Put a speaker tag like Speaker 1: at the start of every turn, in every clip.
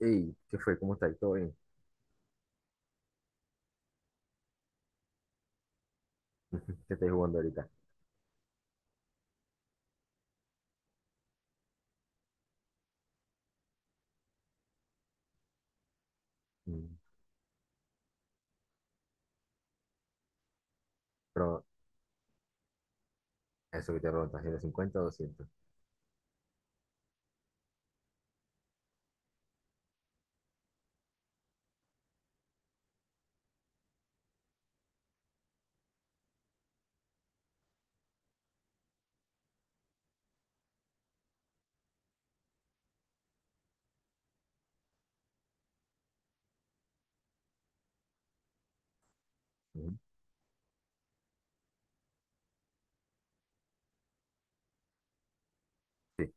Speaker 1: Ey, ¿qué fue? ¿Cómo estáis? ¿Todo bien? ¿Qué estáis jugando ahorita? Mm. Pero eso que te preguntas, ¿si cincuenta 50 o 200? Ujú. Sí.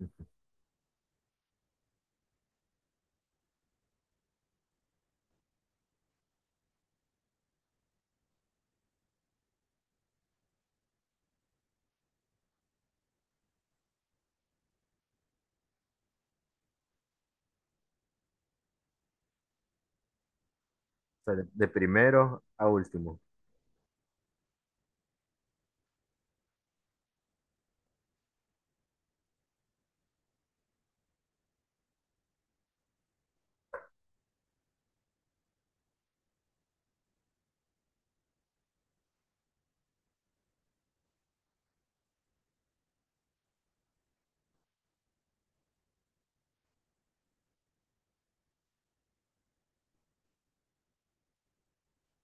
Speaker 1: O sea, de primero a último.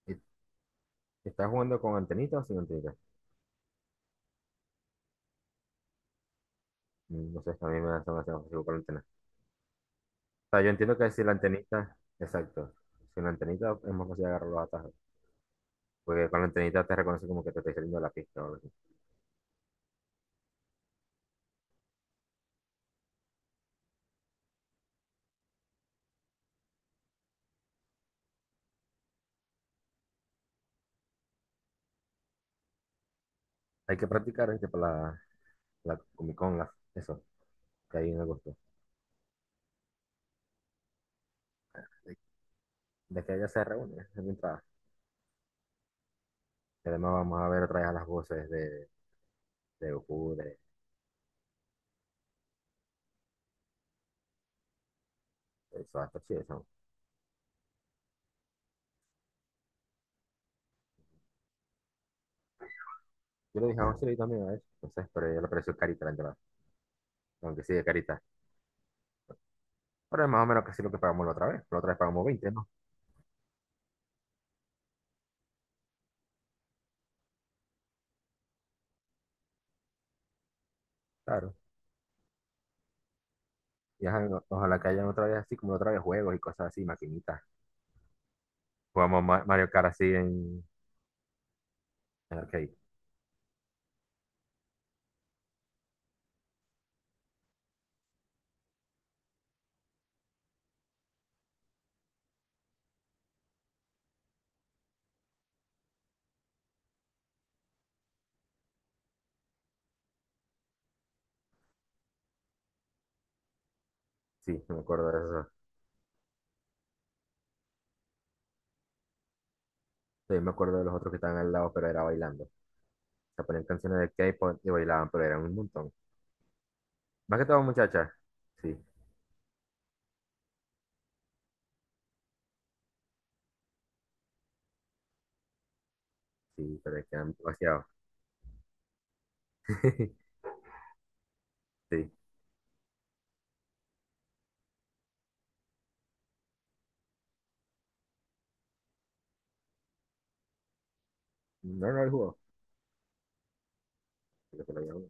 Speaker 1: ¿Y ¿Estás jugando con antenita o sin antenita? Mm. No sé, a mí me da demasiado fácil con la antena. O sea, yo entiendo que si la antenita, exacto. Sin la antenita es más fácil agarrar los atajos. Porque con la antenita te reconoce como que te está saliendo de la pista o algo así. Hay que practicar, ¿viste? Para la Comic Con, eso, que ahí en agosto. De, de que ella se reúne, es mi entrada. Y además vamos a ver otra vez a las voces de, de, Goku, de Soda Stereo, sí, de Yo le dije a José también a eso, entonces, pero yo le pareció carita la entrada, aunque sí de carita. Pero es más o menos casi lo que pagamos la otra vez pagamos 20, ¿no? Claro. Y ajá, ojalá que hayan otra vez así, como la otra vez juegos y cosas así, maquinitas. Jugamos Mario Kart así en, arcade. Sí, no me acuerdo de eso. Sí, me acuerdo de los otros que estaban al lado, pero era bailando. Se ponían canciones de K-pop y bailaban, pero eran un montón. Más que todo muchachas. Sí, sí, pero es que eran demasiado. Sí. No, no el juego. Lo que lo llaman.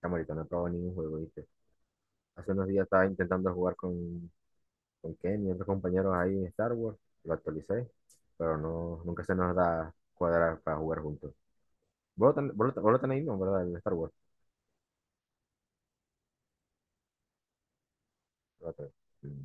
Speaker 1: Camarita, no he probado ningún juego, ¿viste? Hace unos días estaba intentando jugar con Ken y otros compañeros ahí en Star Wars. Lo actualicé, pero no, nunca se nos da cuadrar para jugar juntos. Vos lo tenéis, ¿no? ¿Verdad? El Star Wars. Lo tenés. Mm.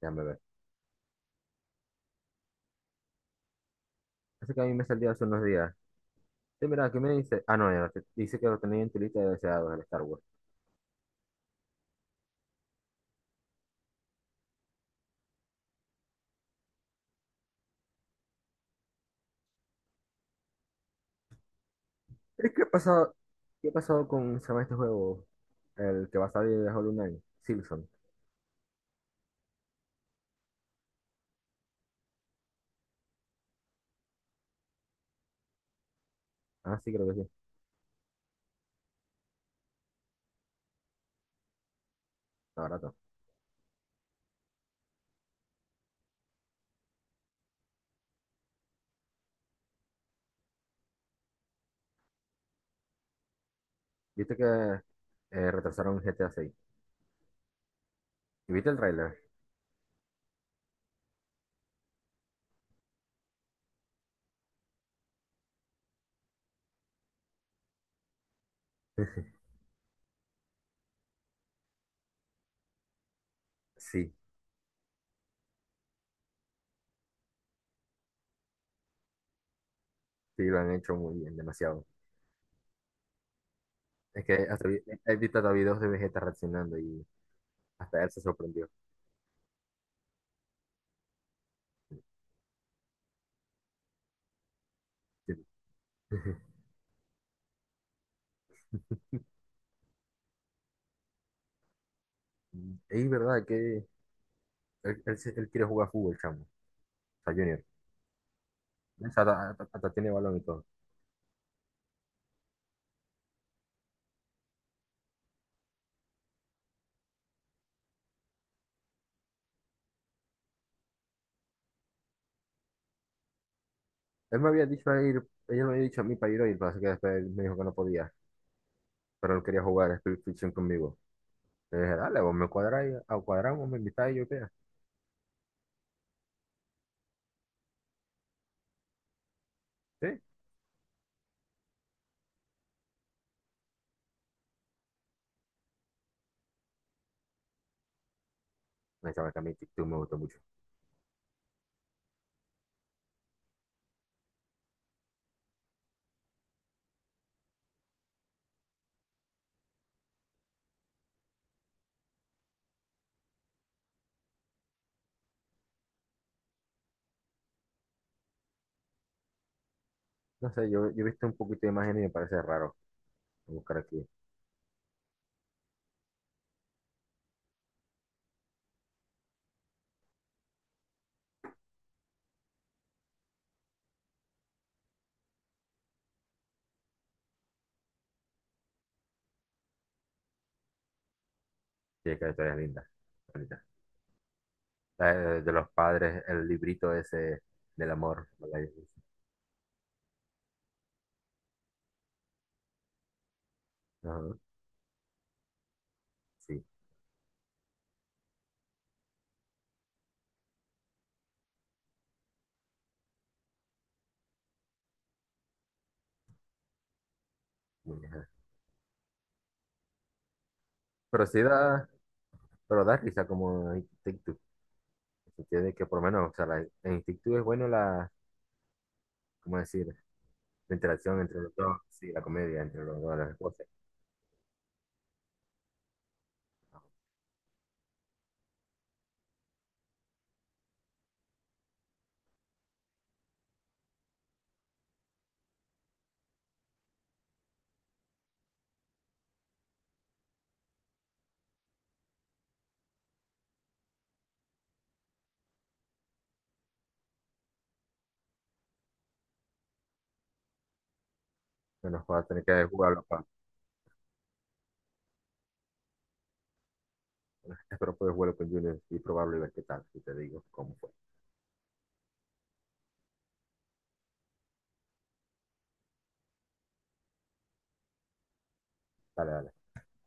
Speaker 1: Déjame ver. Así que a mí me salió hace unos días. Sí, mira, ¿qué me dice? Ah, no, ya, no, dice que lo tenéis en tu lista de deseados, el Star Wars. ¿Qué ha pasado? ¿Qué ha pasado con, se llama este juego? El que va a salir de Hollow Knight. Silson. Ah, sí, creo que sí. Está barato. ¿Viste que retrasaron GTA 6? ¿Y viste el tráiler? Sí, sí, lo han hecho muy bien, demasiado. Es que hasta he visto hasta videos de Vegeta reaccionando y hasta él se sorprendió. Sí. Es verdad que él quiere jugar fútbol, chamo. O sea, Junior. O sea, hasta tiene balón y todo. Él me había dicho a ir, ella me había dicho a mí para ir hoy, pero así que después él me dijo que no podía. Pero él quería jugar Split Fiction conmigo. Le dije, dale, vos me cuadráis, a cuadramos, me invitáis y yo qué. Sí. Me dice, "Chamo, que a mí TikTok me gustó mucho. No sé, yo he visto un poquito de imagen y me parece raro buscar aquí. Sí, qué historia linda, bonita. La de, los padres, el librito ese del amor. ¿No? Ajá, sí, muy bien. Pero sí da, pero da risa como en TikTok. Se entiende que por lo menos, o sea, en TikTok es bueno la, ¿cómo decir? La interacción entre los dos, sí, la comedia entre los dos, las esposas. Bueno, voy a tener que jugarlo, para Espero poder jugarlo con Junior y probarlo y ver qué tal. Y te digo cómo fue. Dale, dale.